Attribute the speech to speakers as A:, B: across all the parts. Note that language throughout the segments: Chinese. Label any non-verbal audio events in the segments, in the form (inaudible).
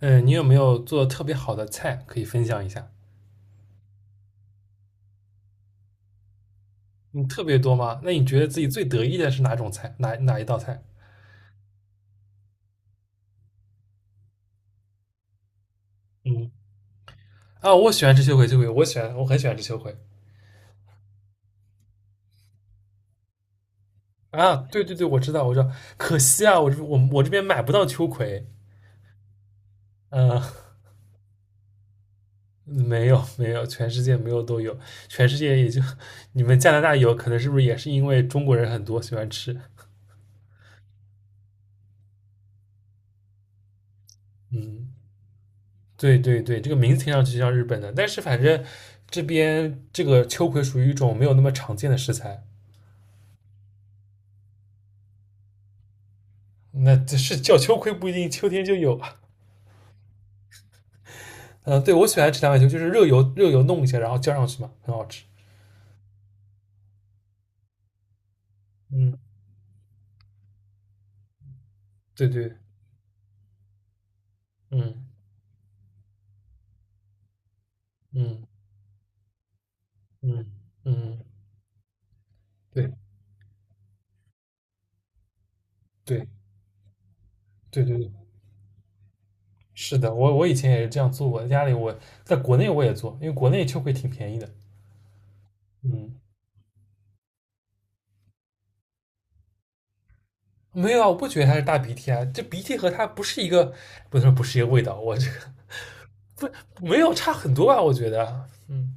A: 嗯，你有没有做的特别好的菜可以分享一下？嗯，特别多吗？那你觉得自己最得意的是哪种菜？哪一道菜？嗯。啊，我喜欢吃秋葵，秋葵，我很喜欢吃秋葵。啊，对对对，我知道，我知道。可惜啊，我这边买不到秋葵。嗯。没有没有，全世界没有都有，全世界也就你们加拿大有，可能是不是也是因为中国人很多喜欢吃？嗯，对对对，这个名字听上去像日本的，但是反正这边这个秋葵属于一种没有那么常见的食材。那这是叫秋葵不一定秋天就有啊。嗯，对我喜欢吃凉白球，就是热油弄一下，然后浇上去嘛，很好吃。嗯，对对，嗯嗯嗯嗯，对对对对对，是的，我以前也是这样做，过，在国内我也做，因为国内秋葵挺便宜的。嗯，没有啊，我不觉得它是大鼻涕啊，这鼻涕和它不是一个，不能说不是一个味道，我这个没有差很多吧，我觉得。嗯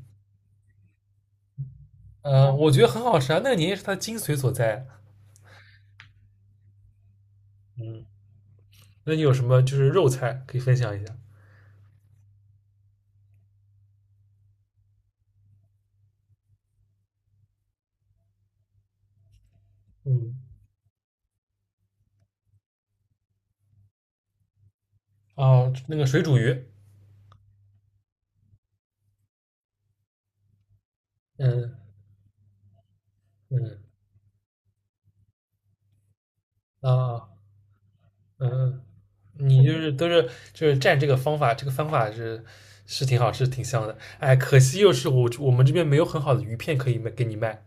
A: 呃，我觉得很好吃啊，那个年夜是它的精髓所在啊。嗯。那你有什么就是肉菜可以分享一下？嗯，哦，那个水煮鱼。嗯嗯啊嗯。你就是都是就是蘸这个方法，这个方法是挺好，是挺香的。哎，可惜又是我们这边没有很好的鱼片可以卖给你卖。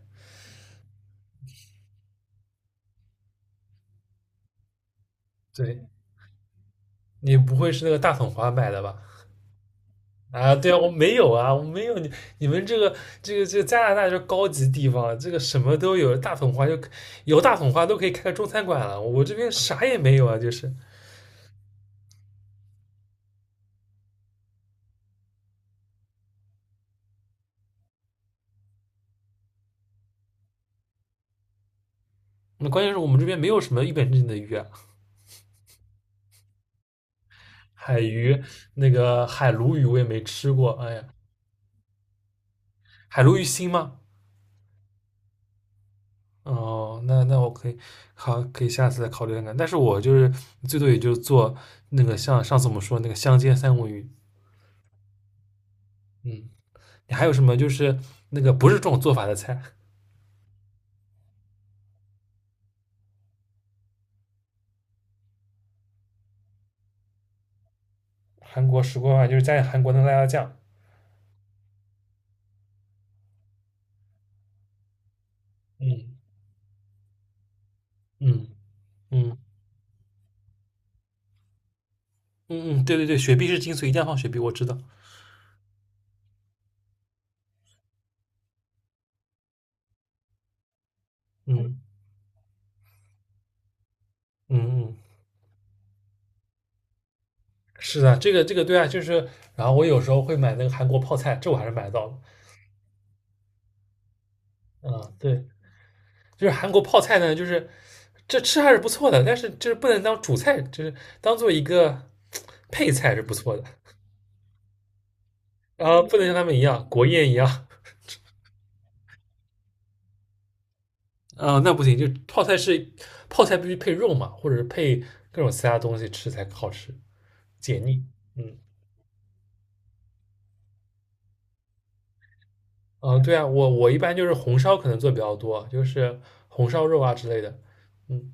A: 对，你不会是那个大统花买的吧？啊，对啊，我没有啊，我没有你们这个加拿大就是高级地方，这个什么都有，大统花就有大统花都可以开个中餐馆了，我这边啥也没有啊，就是那关键是我们这边没有什么一本正经的鱼啊。海鱼，那个海鲈鱼我也没吃过。哎呀，海鲈鱼腥吗？哦，那我可以好，可以下次再考虑看看。但是我就是最多也就做那个像上次我们说那个香煎三文鱼。嗯，你还有什么就是那个不是这种做法的菜？韩国石锅饭就是在韩国的辣椒酱。嗯嗯嗯嗯嗯，对对对，雪碧是精髓，一定要放雪碧，我知道。嗯嗯嗯。是的，这个对啊，就是然后我有时候会买那个韩国泡菜，这我还是买到了。嗯，对，就是韩国泡菜呢，就是这吃还是不错的，但是就是不能当主菜，就是当做一个配菜是不错的。啊，不能像他们一样国宴一样。啊，那不行，就泡菜是泡菜必须配肉嘛，或者是配各种其他东西吃才好吃，解腻。嗯嗯、对啊，我一般就是红烧可能做比较多，就是红烧肉啊之类的。嗯。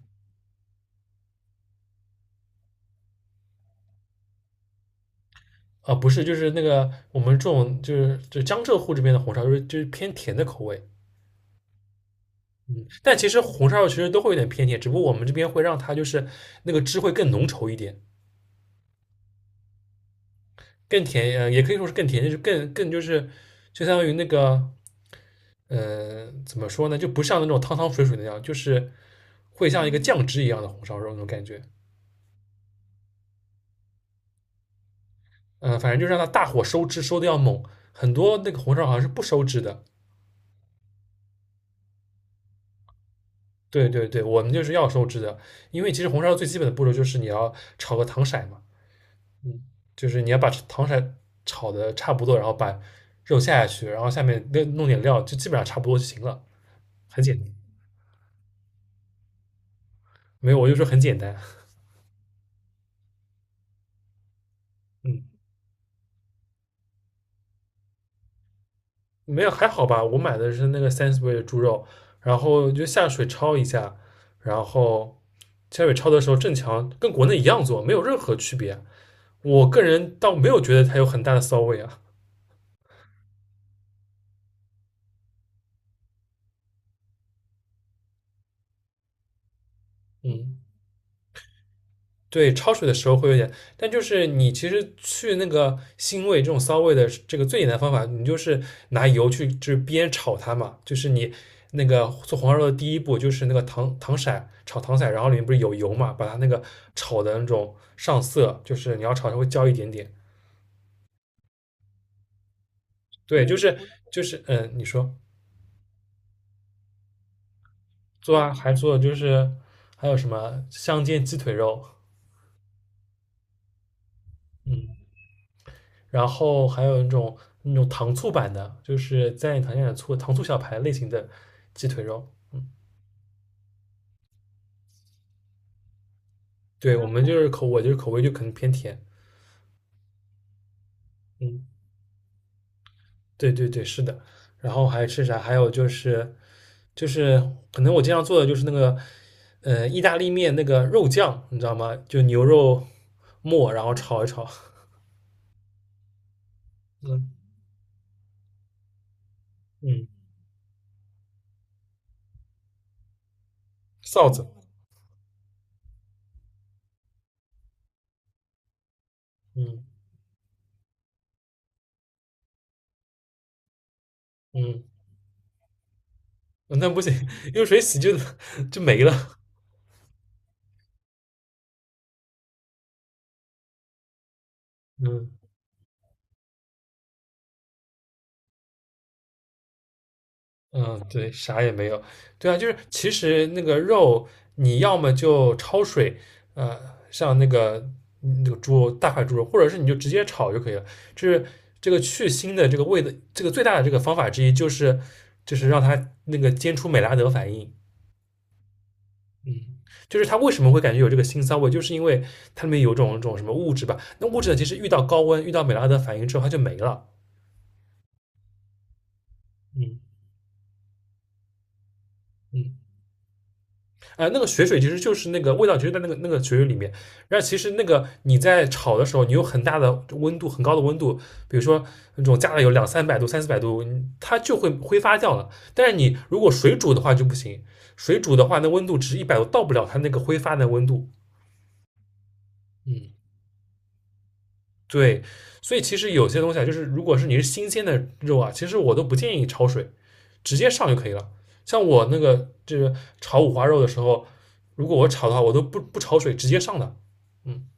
A: 啊，不是，就是那个我们这种就江浙沪这边的红烧肉，就是偏甜的口味。嗯，但其实红烧肉其实都会有点偏甜，只不过我们这边会让它就是那个汁会更浓稠一点，更甜，也可以说是更甜，就是更就相当于那个，怎么说呢，就不像那种汤汤水水那样，就是会像一个酱汁一样的红烧肉那种感觉。嗯、反正就让它大火收汁收的要猛，很多那个红烧好像是不收汁的，对对对，我们就是要收汁的，因为其实红烧最基本的步骤就是你要炒个糖色嘛。嗯，就是你要把糖色炒的差不多，然后把肉下下去，然后下面那弄点料，就基本上差不多就行了，很简单。没有，我就说很简单。嗯，没有还好吧。我买的是那个 Sansbury 的猪肉，然后就下水焯一下，然后下水焯的时候正强跟国内一样做，没有任何区别。我个人倒没有觉得它有很大的骚味啊。嗯。对，焯水的时候会有点，但就是你其实去那个腥味这种骚味的这个最简单的方法，你就是拿油去就是煸炒它嘛，就是你那个做黄烧肉的第一步就是那个糖色炒糖色，然后里面不是有油嘛，把它那个炒的那种上色，就是你要炒稍微焦一点点。对，就是你说做啊，还做就是还有什么香煎鸡腿肉。嗯。然后还有那种糖醋版的，就是蘸点糖蘸点醋，糖醋小排类型的鸡腿肉。对,我就是口味就可能偏甜。嗯，对对对，是的。然后还吃啥？还有就是就是可能我经常做的就是那个意大利面那个肉酱，你知道吗？就牛肉末，然后炒一炒。嗯嗯，臊子。嗯嗯，那不行，用水洗就 (laughs) 就没了。嗯。嗯，对，啥也没有。对啊，就是其实那个肉，你要么就焯水，呃，像那个大块猪肉，或者是你就直接炒就可以了。就是这个去腥的这个味的这个最大的这个方法之一，就是让它那个煎出美拉德反应。嗯，就是它为什么会感觉有这个腥骚味，就是因为它里面有种种什么物质吧。那物质呢，其实遇到高温，遇到美拉德反应之后，它就没了。嗯嗯。那个血水其实就是那个味道，其实在那个血水里面。然后其实那个你在炒的时候，你有很大的温度，很高的温度，比如说那种加了有两三百度、三四百度，它就会挥发掉了。但是你如果水煮的话就不行，水煮的话那温度只100度，到不了它那个挥发的温度。嗯，对。所以其实有些东西啊，就是如果是你是新鲜的肉啊，其实我都不建议焯水。直接上就可以了。像我那个就是炒五花肉的时候，如果我炒的话，我都不焯水，直接上的。嗯，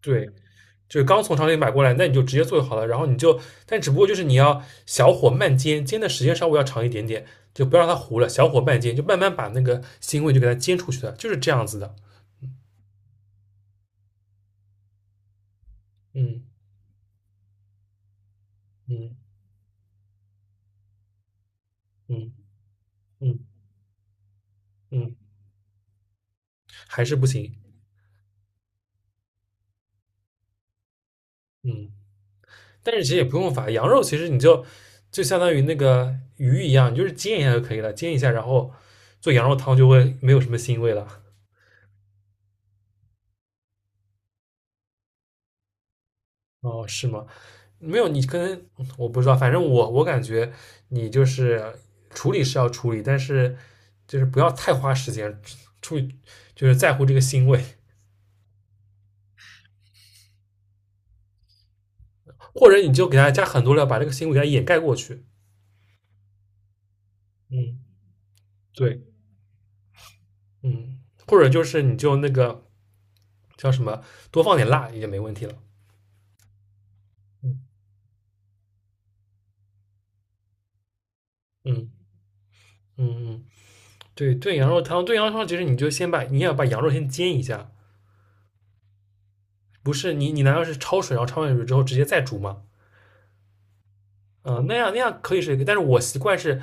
A: 对，就是刚从厂里买过来，那你就直接做就好了。然后你就，但只不过就是你要小火慢煎，煎的时间稍微要长一点点，就不要让它糊了，小火慢煎，就慢慢把那个腥味就给它煎出去的，就是这样子的。嗯嗯嗯嗯嗯，还是不行。嗯。但是其实也不用法，羊肉其实你就相当于那个鱼一样，你就是煎一下就可以了，煎一下，然后做羊肉汤就会没有什么腥味了。哦，是吗？没有，你可能我不知道，反正我感觉你就是处理是要处理，但是就是不要太花时间处理，就是在乎这个腥味，或者你就给它加很多料，把这个腥味给它掩盖过去。嗯，对，嗯，或者就是你就那个叫什么，多放点辣也没问题了。嗯嗯嗯嗯。对炖羊肉汤，炖羊肉汤其实你要把羊肉先煎一下。不是你难道是焯水，然后焯完水之后直接再煮吗？嗯、那样可以是一个，但是我习惯是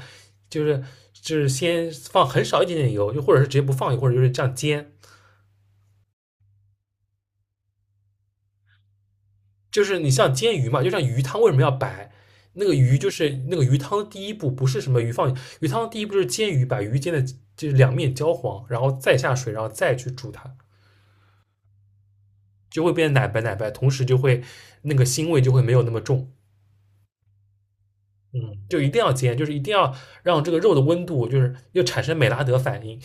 A: 就是就是先放很少一点点油，就或者是直接不放油，或者就是这样煎，就是你像煎鱼嘛，就像鱼汤为什么要白？那个鱼就是那个鱼汤的第一步，不是什么鱼放鱼汤的第一步就是煎鱼，把鱼煎的就是两面焦黄，然后再下水，然后再去煮它，就会变奶白奶白，同时就会那个腥味就会没有那么重。嗯，就一定要煎，就是一定要让这个肉的温度，就是又产生美拉德反应。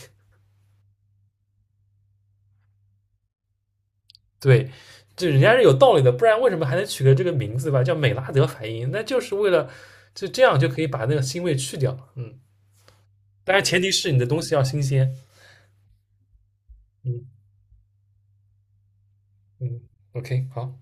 A: 对，就人家是有道理的，不然为什么还能取个这个名字吧，叫美拉德反应？那就是为了就这样就可以把那个腥味去掉。嗯，当然前提是你的东西要新鲜。嗯嗯，OK，好。